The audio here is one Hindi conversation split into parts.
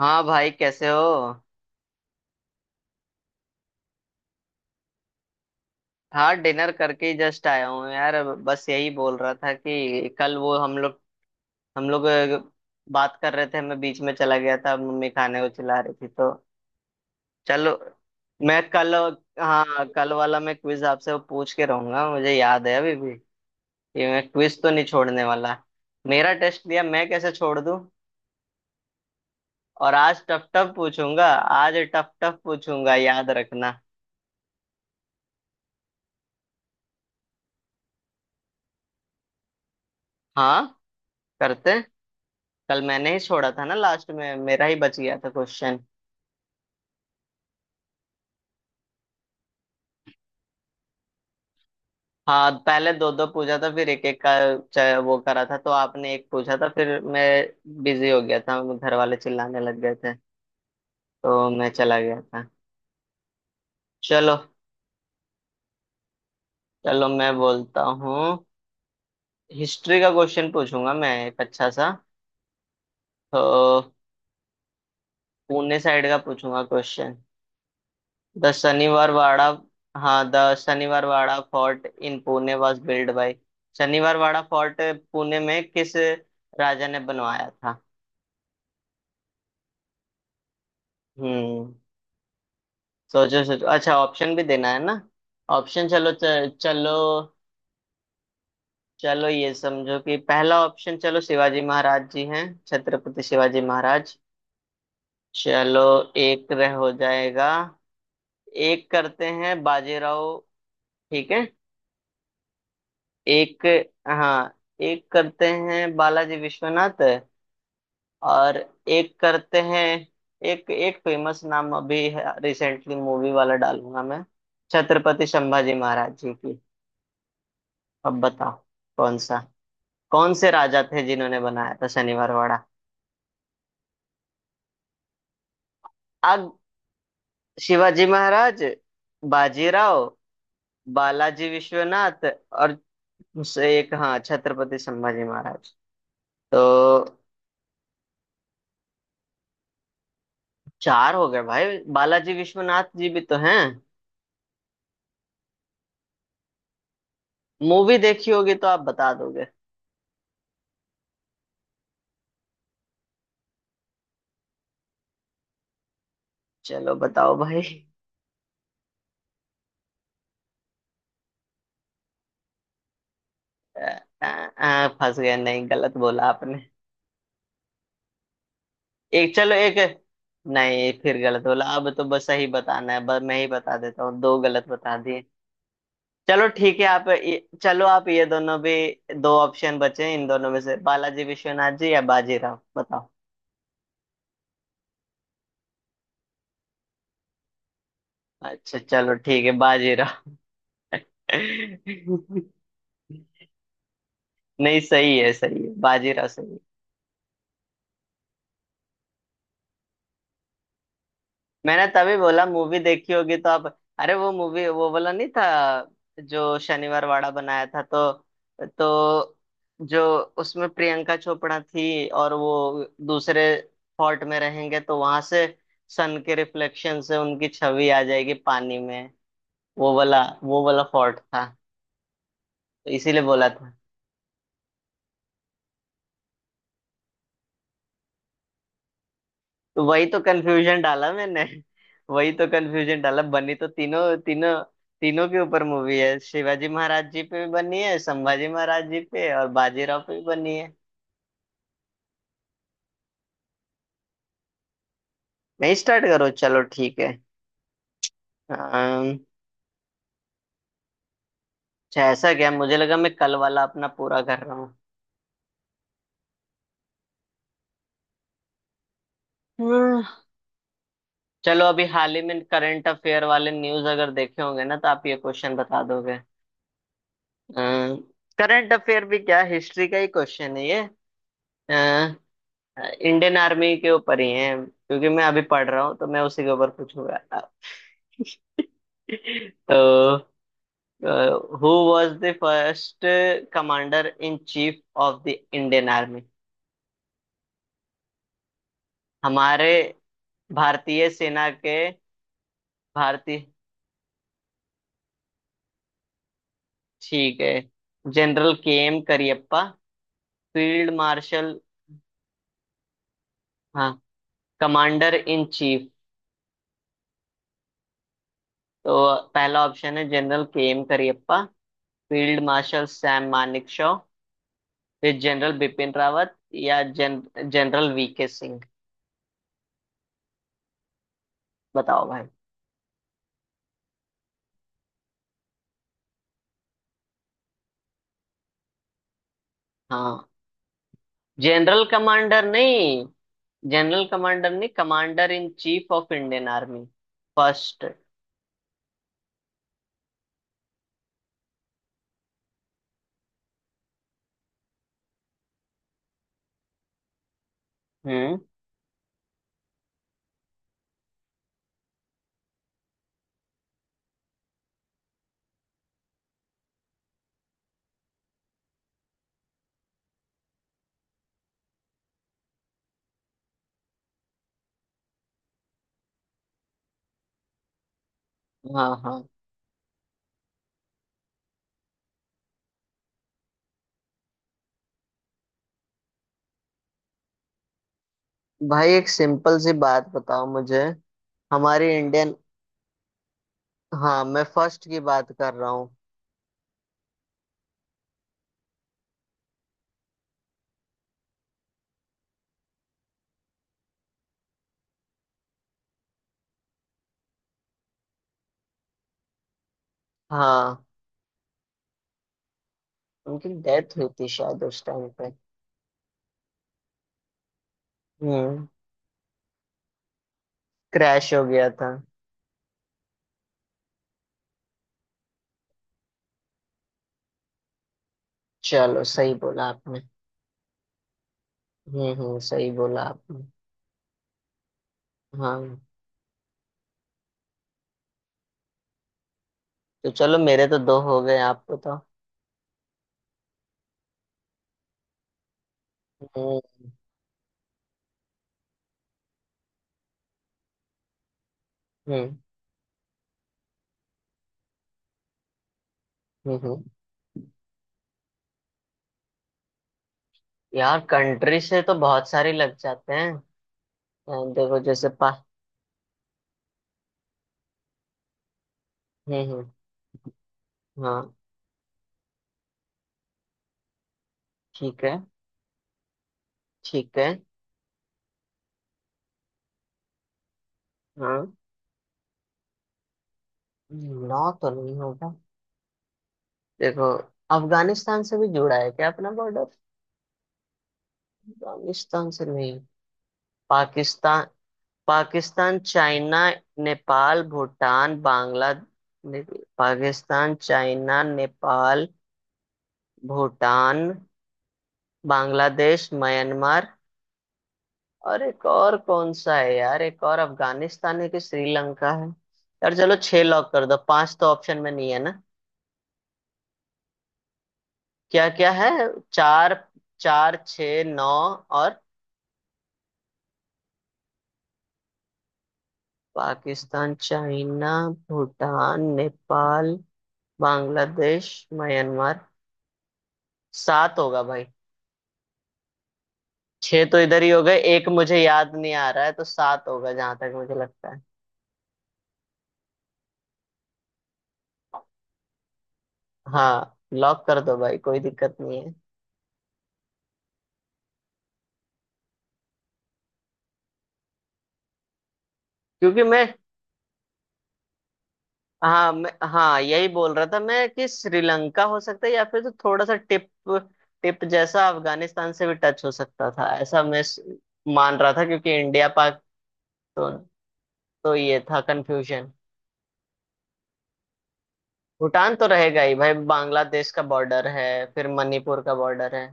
हाँ भाई कैसे हो। हाँ डिनर करके ही जस्ट आया हूँ यार, बस यही बोल रहा था कि कल वो हम लोग बात कर रहे थे, मैं बीच में चला गया था, मम्मी खाने को चिल्ला रही थी तो। चलो। मैं कल। हाँ कल वाला मैं क्विज आपसे वो पूछ के रहूंगा, मुझे याद है अभी भी कि मैं क्विज तो नहीं छोड़ने वाला। मेरा टेस्ट लिया, मैं कैसे छोड़ दूं। और आज टफ टफ पूछूंगा। आज टफ टफ पूछूंगा, याद रखना। हाँ करते हैं। कल मैंने ही छोड़ा था ना लास्ट में, मेरा ही बच गया था क्वेश्चन। हाँ पहले दो दो पूछा था फिर एक एक का। वो करा था तो आपने एक पूछा था फिर मैं बिजी हो गया था, घर वाले चिल्लाने लग गए थे तो मैं चला गया था। चलो चलो। मैं बोलता हूँ। हिस्ट्री का क्वेश्चन पूछूंगा मैं एक अच्छा सा। तो पुणे साइड का पूछूंगा क्वेश्चन। The Sanivarwada, हाँ, the Sanivarwada Fort in Pune was built by. Sanivarwada Fort Pune में किस राजा ने बनवाया था? हम्म। सोचो सोचो, अच्छा ऑप्शन भी देना है ना। ऑप्शन चलो, चलो। चलो ये समझो कि पहला ऑप्शन, चलो शिवाजी महाराज जी हैं, छत्रपति शिवाजी महाराज। चलो। एक रह हो जाएगा। एक करते हैं बाजीराव। ठीक है। एक। हाँ। एक करते हैं बालाजी विश्वनाथ। और एक करते हैं। एक एक फेमस नाम अभी, रिसेंटली मूवी वाला डालूंगा मैं। छत्रपति संभाजी महाराज जी की। अब बताओ। कौन सा, कौन से राजा थे जिन्होंने बनाया था शनिवारवाड़ा। अब शिवाजी महाराज, बाजीराव, बालाजी विश्वनाथ, और उससे एक, हाँ, छत्रपति संभाजी महाराज। तो चार हो गए भाई, बालाजी विश्वनाथ जी भी तो हैं। मूवी देखी होगी तो आप बता दोगे। चलो बताओ भाई। आ, आ, फंस गए, नहीं गलत बोला आपने। एक चलो एक। नहीं, फिर गलत बोला, अब तो बस सही बताना है, बस मैं ही बता देता हूँ, दो गलत बता दिए। चलो ठीक है, आप चलो आप ये दोनों भी। दो ऑप्शन बचे हैं इन दोनों में से, बालाजी विश्वनाथ जी या बाजीराव, बताओ। अच्छा चलो ठीक है, बाजीराव। नहीं सही है, सही है, बाजीराव सही है। मैंने तभी बोला मूवी देखी होगी तो आप। अरे वो मूवी वो वाला नहीं था जो शनिवार वाड़ा बनाया था तो। तो जो उसमें प्रियंका चोपड़ा थी, और वो दूसरे फोर्ट में रहेंगे तो वहां से सन के रिफ्लेक्शन से उनकी छवि आ जाएगी पानी में। वो वाला फोर्ट था। तो इसीलिए बोला था। तो वही तो कंफ्यूजन डाला मैंने। वही तो कंफ्यूजन डाला, बनी तो तीनों तीनों। तीनों के ऊपर मूवी है, शिवाजी महाराज जी पे भी बनी है, संभाजी महाराज जी पे और बाजीराव पे भी बनी है। नहीं स्टार्ट करो, चलो ठीक है। अम्म, अच्छा ऐसा क्या, मुझे लगा मैं कल वाला अपना पूरा कर रहा हूँ। हम्म। चलो अभी हाल ही में करंट अफेयर वाले न्यूज अगर देखे होंगे ना तो आप ये क्वेश्चन बता दोगे। करंट अफेयर भी क्या, हिस्ट्री का ही क्वेश्चन है ये। इंडियन आर्मी के ऊपर ही है क्योंकि मैं अभी पढ़ रहा हूँ तो मैं उसी के ऊपर पूछूंगा। तो, who was the first commander in chief of the Indian army हमारे भारतीय सेना के। भारतीय। ठीक है। General K M Cariappa, field marshal. हाँ, कमांडर इन चीफ। तो पहला ऑप्शन है general K M Cariappa, field marshal Sam Manekshaw, फिर जनरल बिपिन रावत, या जनरल वीके सिंह। बताओ भाई। हाँ। जनरल कमांडर नहीं, जनरल कमांडर नहीं, commander in chief of Indian army. First. हम्म। हाँ हाँ। भाई एक सिंपल सी बात बताओ मुझे। हमारी इंडियन। हाँ मैं फर्स्ट की बात कर रहा हूँ। हाँ। उनकी डेथ हुई थी शायद उस टाइम पे। हम्म। क्रैश हो गया था। चलो, सही बोला आपने। हम्म, सही बोला आपने। हाँ। तो चलो मेरे तो दो हो गए, आपको तो। हम्म हम्म। हम्म हम्म। यार, कंट्री से तो बहुत सारे लग जाते हैं। देखो जैसे पा। हम्म। हाँ ठीक है, ठीक है। हाँ। नौ तो नहीं होगा। देखो। अफगानिस्तान से भी जुड़ा है क्या अपना बॉर्डर? अफगानिस्तान से नहीं। Pakistan. Pakistan, China, Nepal, Bhutan, Bangladesh. Pakistan, China, Nepal, Bhutan, Bangladesh, Myanmar. और एक और कौन सा है यार, एक और, अफगानिस्तान है कि श्रीलंका है। यार चलो छह लॉक कर दो, पांच तो ऑप्शन में नहीं है ना। क्या क्या है? चार, चार छ नौ, और। Pakistan, China, Bhutan, Nepal, Bangladesh, Myanmar. सात होगा भाई। छह तो इधर ही हो गए, एक मुझे याद नहीं आ रहा है तो सात होगा जहां तक मुझे लगता है। हाँ लॉक कर दो भाई, कोई दिक्कत नहीं है। क्योंकि मैं। हाँ हाँ यही बोल रहा था मैं कि श्रीलंका हो सकता है या फिर, तो थोड़ा सा टिप, टिप जैसा अफगानिस्तान से भी टच हो सकता था ऐसा मैं मान रहा था क्योंकि इंडिया पाक। तो तो ये था कंफ्यूजन। भूटान तो रहेगा ही भाई, बांग्लादेश का बॉर्डर है। फिर मणिपुर का बॉर्डर है।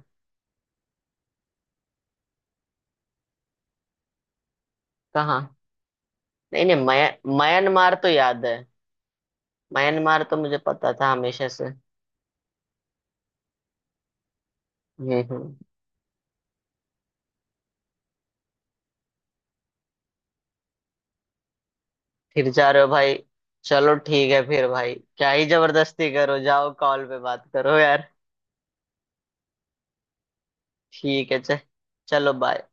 कहाँ? नहीं नहीं, म्यांमार तो याद है। म्यांमार तो मुझे पता था हमेशा से। हम्म हम्म। फिर जा रहे हो भाई? चलो ठीक है फिर भाई, क्या ही जबरदस्ती करो, जाओ कॉल पे बात करो यार। ठीक है चल। चलो बाय।